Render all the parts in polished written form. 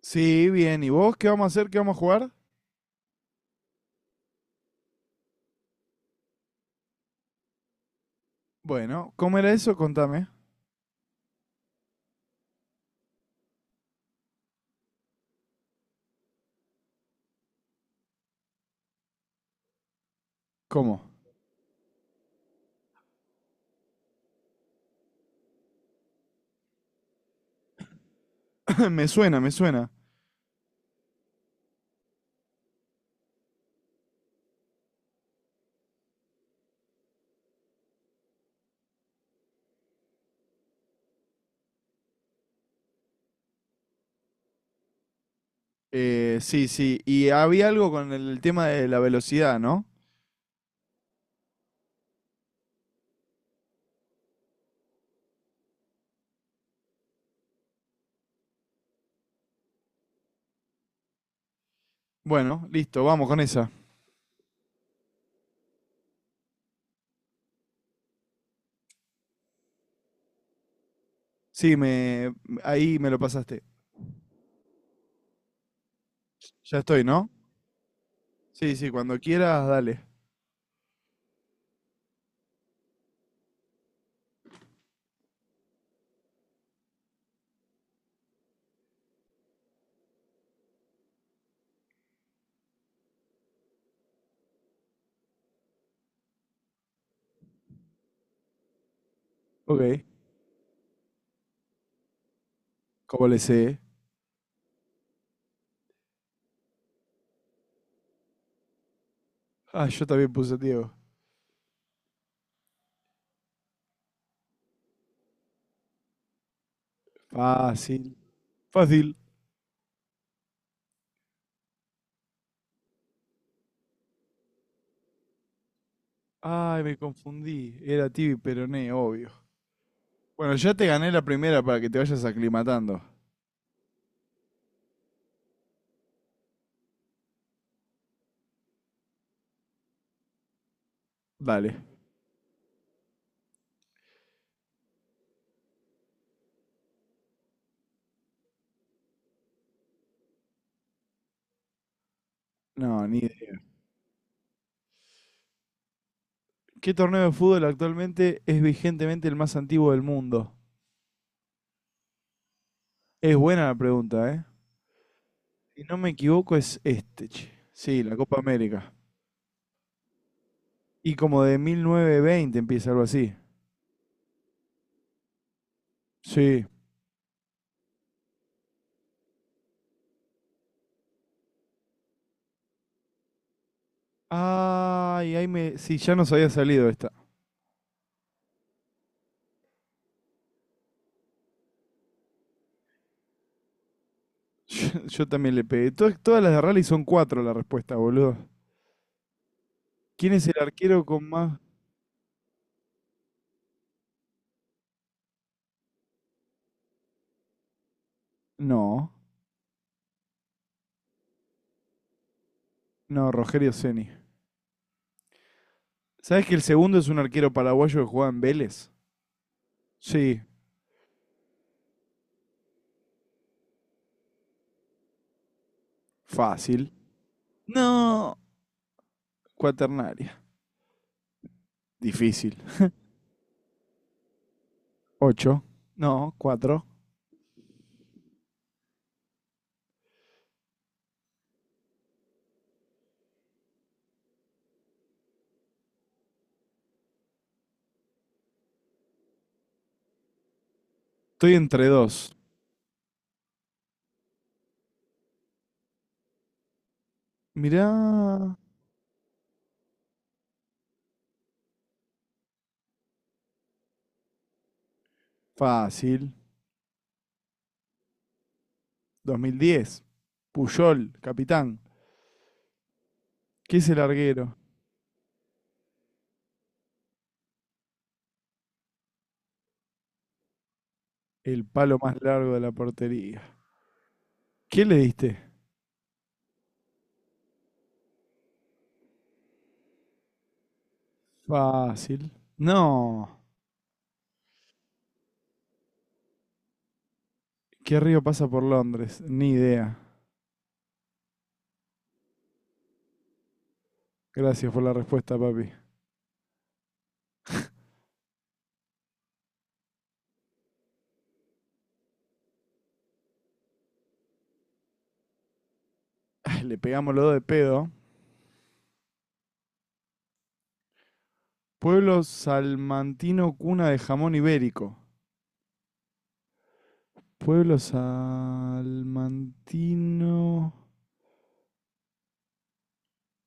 Sí, bien. ¿Y vos qué vamos a hacer? ¿Qué vamos a jugar? Bueno, ¿cómo era eso? Contame. ¿Cómo? Me suena, me suena. Sí, sí. Y había algo con el tema de la velocidad, ¿no? Bueno, listo, vamos con esa. Sí, ahí me lo pasaste. Ya estoy, ¿no? Sí, sí, cuando quieras, dale. Ok. ¿Cómo le sé? Ah, yo también puse Diego. Fácil. Fácil. Ay, me confundí. Era Tibi Peroné, obvio. Bueno, ya te gané la primera para que te vayas aclimatando. Dale. No, ni idea. ¿Qué torneo de fútbol actualmente es vigentemente el más antiguo del mundo? Es buena la pregunta, ¿eh? Si no me equivoco es este, che. Sí, la Copa América. Y como de 1920 empieza algo así. Sí. Ay, ahí me. Sí, ya nos había salido esta. Yo también le pegué. Todas las de rally son cuatro la respuesta, boludo. ¿Quién es el arquero con más? No, no, Rogerio Ceni. ¿Sabes que el segundo es un arquero paraguayo que juega en Vélez? Sí, fácil. No. Cuaternaria. Difícil. 8. No, cuatro. Estoy entre dos. Mirá. Fácil. 2010. Puyol, capitán. ¿Qué es el larguero? El palo más largo de la portería. ¿Qué le diste? Fácil. No. ¿Qué río pasa por Londres? Ni idea. Gracias por la respuesta, papi. Ay, le pegamos los dos de pedo. Pueblo salmantino, cuna de jamón ibérico. Pueblo salmantino.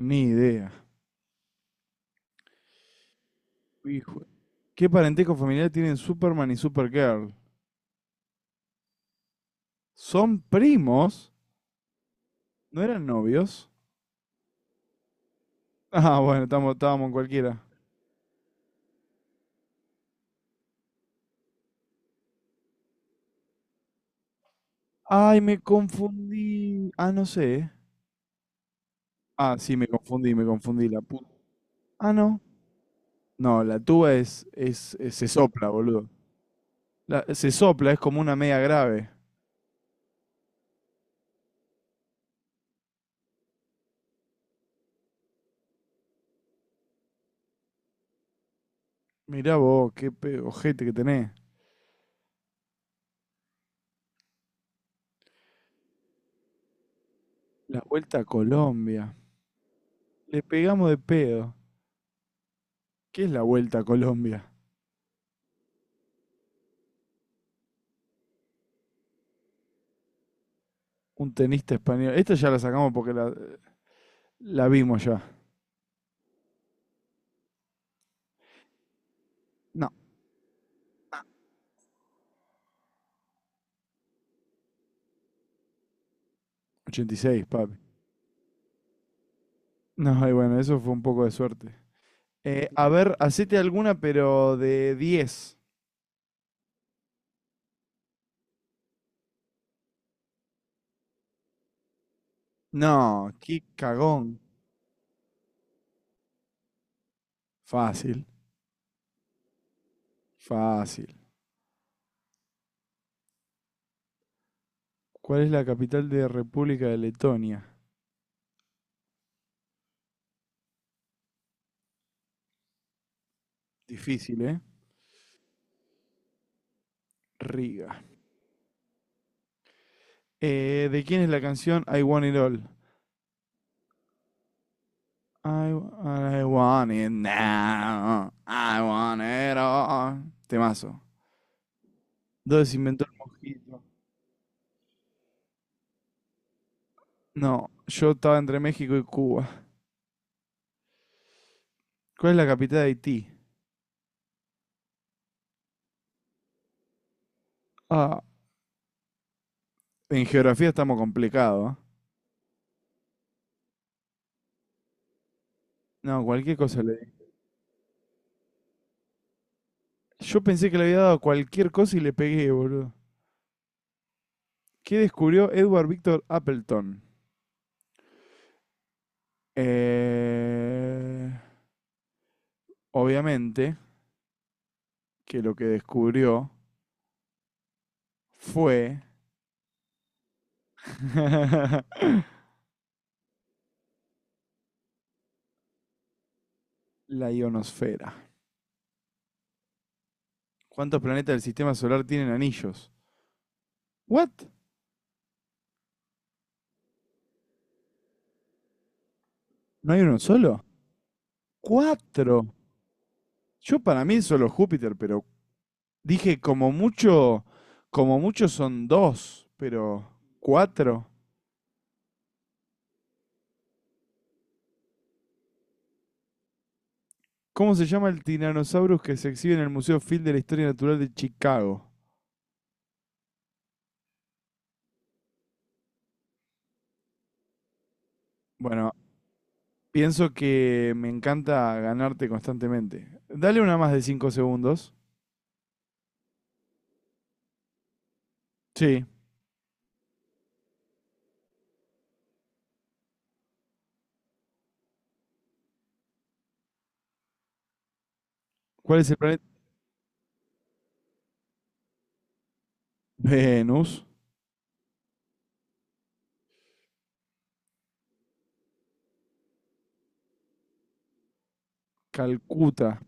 Ni idea. Hijo. ¿Qué parentesco familiar tienen Superman y Supergirl? ¿Son primos? ¿No eran novios? Ah, bueno, estamos, estábamos en cualquiera. Ay, me confundí. Ah, no sé. Ah, sí, me confundí la puta. Ah, no. No, la tuba se sopla, boludo. La- se sopla, es como una media grave. Mirá vos, qué ojete que tenés. La vuelta a Colombia. Le pegamos de pedo. ¿Qué es la vuelta a Colombia? Un tenista español. Esta ya la sacamos porque la vimos ya. No. 86, papi. No, y bueno, eso fue un poco de suerte. A ver, hacete alguna, pero de 10. No, qué cagón. Fácil, fácil. ¿Cuál es la capital de República de Letonia? Difícil, ¿eh? Riga. ¿De quién es la canción I Want It All? I, I want it now. I want it all. Temazo. ¿Dónde se inventó el mojito? No, yo estaba entre México y Cuba. ¿Cuál es la capital de Haití? Ah, en geografía estamos complicados, ¿eh? No, cualquier cosa le di. Yo pensé que le había dado cualquier cosa y le pegué, boludo. ¿Qué descubrió Edward Victor Appleton? Eh, obviamente que lo que descubrió fue la ionosfera. ¿Cuántos planetas del sistema solar tienen anillos? ¿What? ¿No hay uno solo? Cuatro. Yo para mí es solo Júpiter, pero dije, como mucho son dos, pero cuatro. ¿Cómo se llama el Tyrannosaurus que se exhibe en el Museo Field de la Historia Natural de Chicago? Bueno, pienso que me encanta ganarte constantemente. Dale una más de 5 segundos. Sí. ¿Cuál es el planeta? Venus. Calcuta.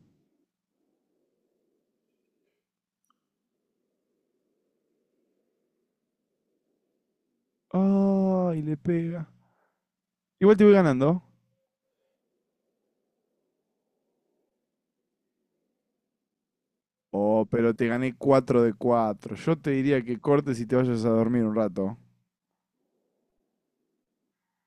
Ay, le pega. Igual te voy ganando. Oh, pero te gané cuatro de cuatro. Yo te diría que cortes y te vayas a dormir un rato.